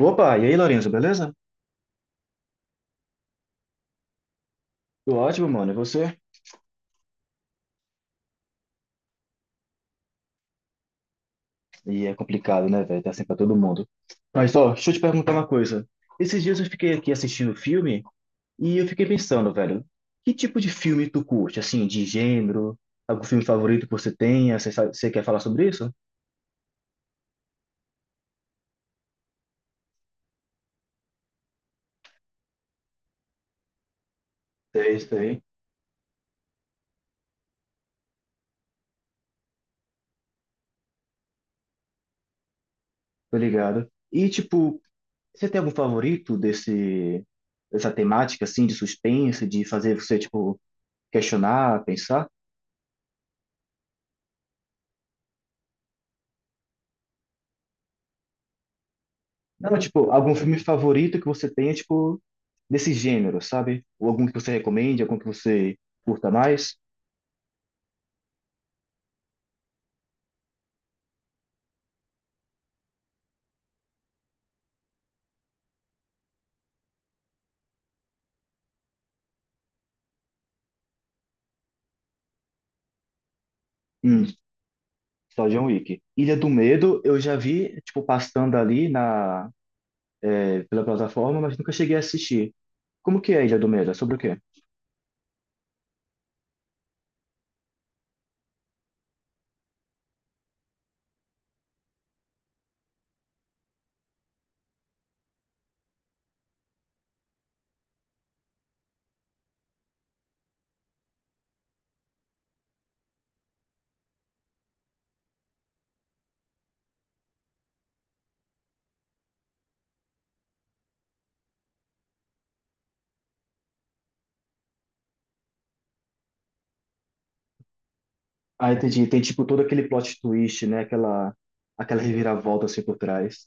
Opa, e aí, Lorenzo, beleza? Tô ótimo, mano. E você? É complicado, né, velho? Tá assim pra todo mundo. Mas, ó, deixa eu te perguntar uma coisa. Esses dias eu fiquei aqui assistindo filme e eu fiquei pensando, velho, que tipo de filme tu curte? Assim, de gênero? Algum filme favorito que você tenha? Você quer falar sobre isso? É isso aí. Tô ligado. E, tipo, você tem algum favorito dessa temática, assim, de suspense, de fazer você, tipo, questionar, pensar? Não, tipo, algum filme favorito que você tenha, tipo, desse gênero, sabe? Ou algum que você recomende, algum que você curta mais? Hum, só John Wick. Ilha do Medo, eu já vi, tipo, passando ali na, pela plataforma, mas nunca cheguei a assistir. Como que é Ilha do Medo? É sobre o quê? Ah, entendi. Tem, tipo, todo aquele plot twist, né? Aquela reviravolta, assim, por trás.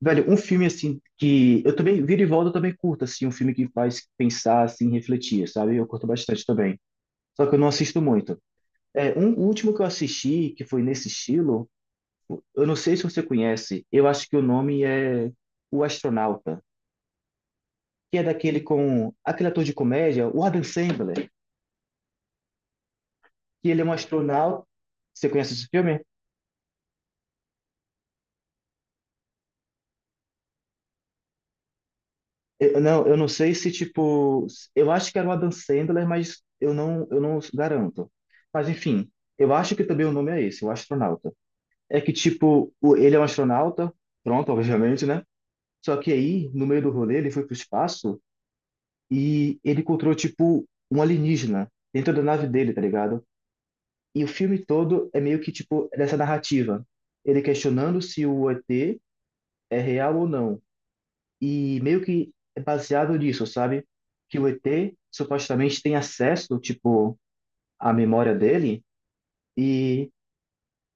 Velho, um filme, assim, que eu também, vira e volta, eu também curto, assim, um filme que faz pensar, assim, refletir, sabe? Eu curto bastante também. Só que eu não assisto muito. O último que eu assisti, que foi nesse estilo, eu não sei se você conhece, eu acho que o nome é O Astronauta, que é daquele com aquele ator de comédia, o Adam Sandler, que ele é um astronauta. Você conhece esse filme? Eu não sei se tipo, eu acho que era o Adam Sandler, mas eu não garanto. Mas enfim, eu acho que também o nome é esse, O Astronauta. É que tipo, ele é um astronauta, pronto, obviamente, né? Só que aí, no meio do rolê, ele foi pro espaço e ele encontrou, tipo, um alienígena dentro da nave dele, tá ligado? E o filme todo é meio que, tipo, dessa narrativa. Ele questionando se o ET é real ou não. E meio que é baseado nisso, sabe? Que o ET supostamente tem acesso, tipo, à memória dele e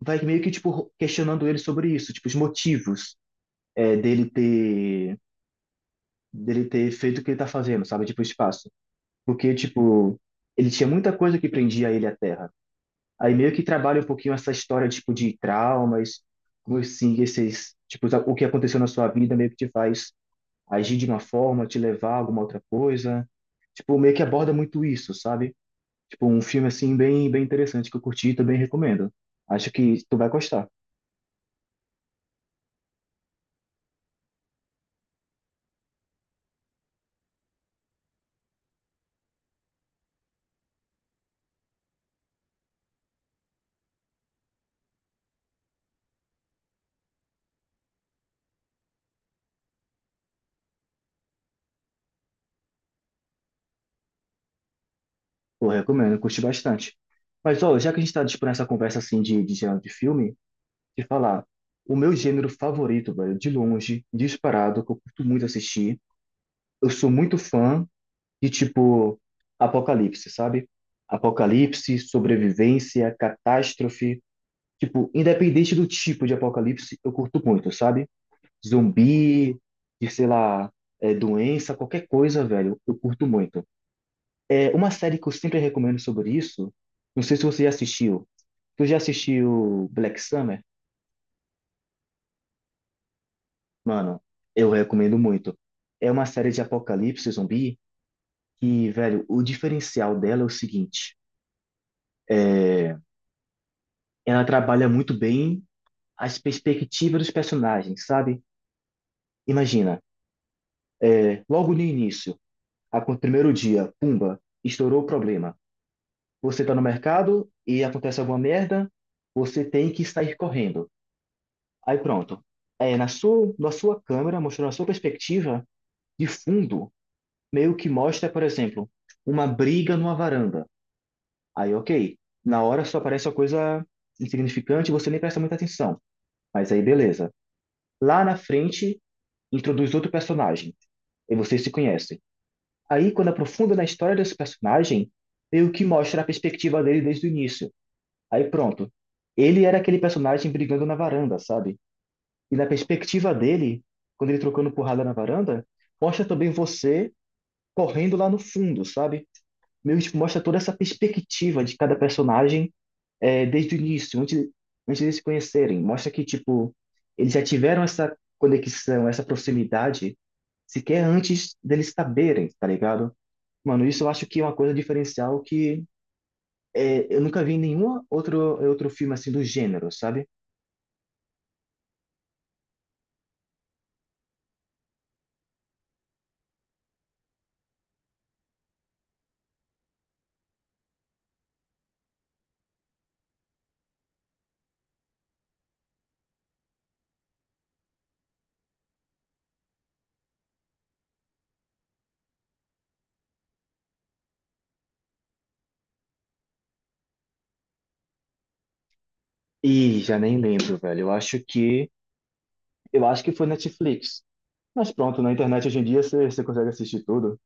vai meio que, tipo, questionando ele sobre isso, tipo, os motivos é, dele ter, dele ter feito o que ele tá fazendo, sabe? Tipo, o espaço. Porque, tipo, ele tinha muita coisa que prendia ele à Terra. Aí meio que trabalha um pouquinho essa história, tipo, de traumas, como assim, esses, tipo, o que aconteceu na sua vida meio que te faz agir de uma forma, te levar a alguma outra coisa. Tipo, meio que aborda muito isso, sabe? Tipo, um filme, assim, bem, bem interessante que eu curti e também recomendo. Acho que tu vai gostar. Eu recomendo, eu curti bastante. Mas, ó, já que a gente tá, tipo, nessa conversa, assim, de gênero de filme, de falar, o meu gênero favorito, velho, de longe, disparado, que eu curto muito assistir, eu sou muito fã de tipo Apocalipse, sabe? Apocalipse, sobrevivência, catástrofe. Tipo, independente do tipo de apocalipse, eu curto muito, sabe? Zumbi, de sei lá, doença, qualquer coisa, velho, eu curto muito. É uma série que eu sempre recomendo sobre isso. Não sei se você já assistiu. Tu já assistiu Black Summer? Mano, eu recomendo muito. É uma série de apocalipse zumbi que, velho, o diferencial dela é o seguinte: ela trabalha muito bem as perspectivas dos personagens, sabe? Imagina, logo no início, no primeiro dia, pumba, estourou o problema. Você tá no mercado e acontece alguma merda, você tem que sair correndo. Aí pronto. Na sua câmera, mostrando a sua perspectiva de fundo, meio que mostra, por exemplo, uma briga numa varanda. Aí, ok. Na hora só aparece uma coisa insignificante, você nem presta muita atenção. Mas aí, beleza. Lá na frente, introduz outro personagem e vocês se conhecem. Aí, quando aprofunda na história desse personagem, meio que mostra a perspectiva dele desde o início. Aí, pronto. Ele era aquele personagem brigando na varanda, sabe? E na perspectiva dele, quando ele trocando porrada na varanda, mostra também você correndo lá no fundo, sabe? Meio que mostra toda essa perspectiva de cada personagem desde o início, antes de se conhecerem. Mostra que, tipo, eles já tiveram essa conexão, essa proximidade, sequer antes deles saberem, tá ligado? Mano, isso eu acho que é uma coisa diferencial que eu nunca vi em outro filme assim do gênero, sabe? E já nem lembro, velho. Eu acho que foi Netflix. Mas pronto, na internet hoje em dia você consegue assistir tudo.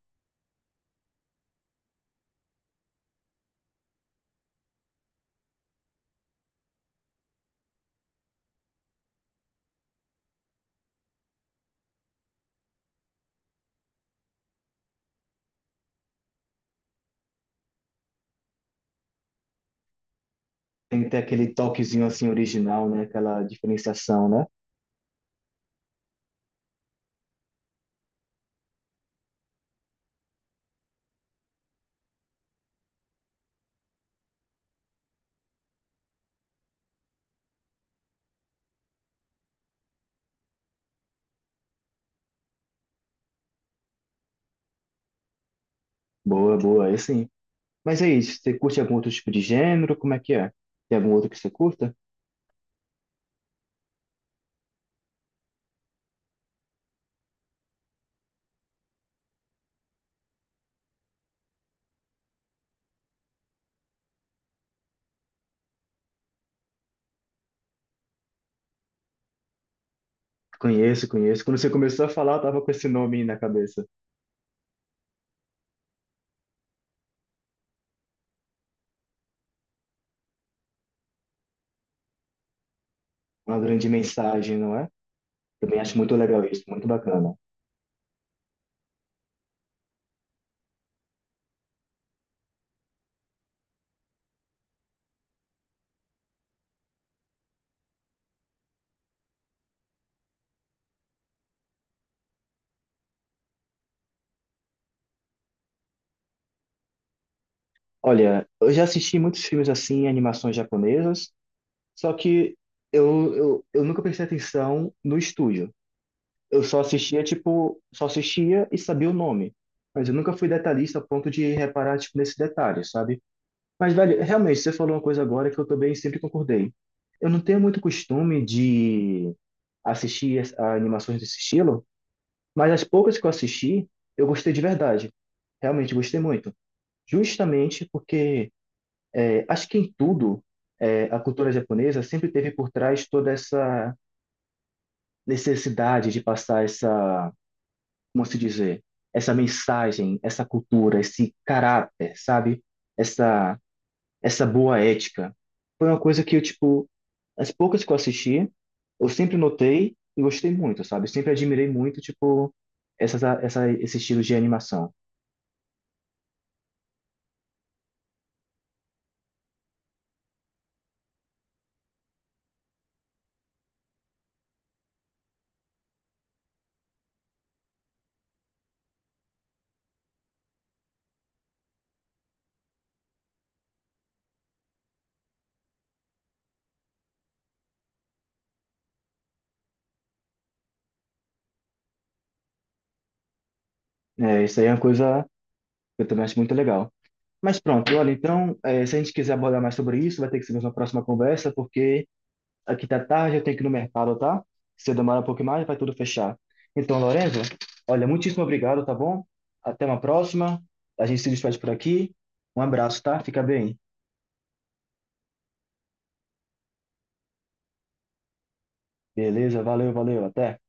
Tem que ter aquele toquezinho assim original, né? Aquela diferenciação, né? Boa, boa, aí sim. Mas é isso. Você curte algum outro tipo de gênero? Como é que é? Tem algum outro que você curta? Conheço, conheço. Quando você começou a falar, eu tava com esse nome aí na cabeça. Uma grande mensagem, não é? Também acho muito legal isso, muito bacana. Olha, eu já assisti muitos filmes assim, animações japonesas, só que eu nunca prestei atenção no estúdio. Eu só assistia, tipo, só assistia e sabia o nome. Mas eu nunca fui detalhista a ponto de reparar, tipo, nesses detalhes, sabe? Mas, velho, realmente, você falou uma coisa agora que eu também sempre concordei. Eu não tenho muito costume de assistir as- a animações desse estilo, mas as poucas que eu assisti, eu gostei de verdade. Realmente gostei muito. Justamente porque acho que em tudo, a cultura japonesa sempre teve por trás toda essa necessidade de passar essa, como se dizer, essa mensagem, essa cultura, esse caráter, sabe? Essa, essa boa ética. Foi uma coisa que eu, tipo, as poucas que eu assisti, eu sempre notei e gostei muito, sabe? Sempre admirei muito, tipo, esse estilo de animação. É, isso aí é uma coisa que eu também acho muito legal. Mas pronto, olha, então, se a gente quiser abordar mais sobre isso, vai ter que ser uma próxima conversa, porque aqui tá tarde, eu tenho que ir no mercado, tá? Se eu demorar um pouco mais, vai tudo fechar. Então, Lorenzo, olha, muitíssimo obrigado, tá bom? Até uma próxima. A gente se despede por aqui. Um abraço, tá? Fica bem. Beleza, valeu, valeu, até.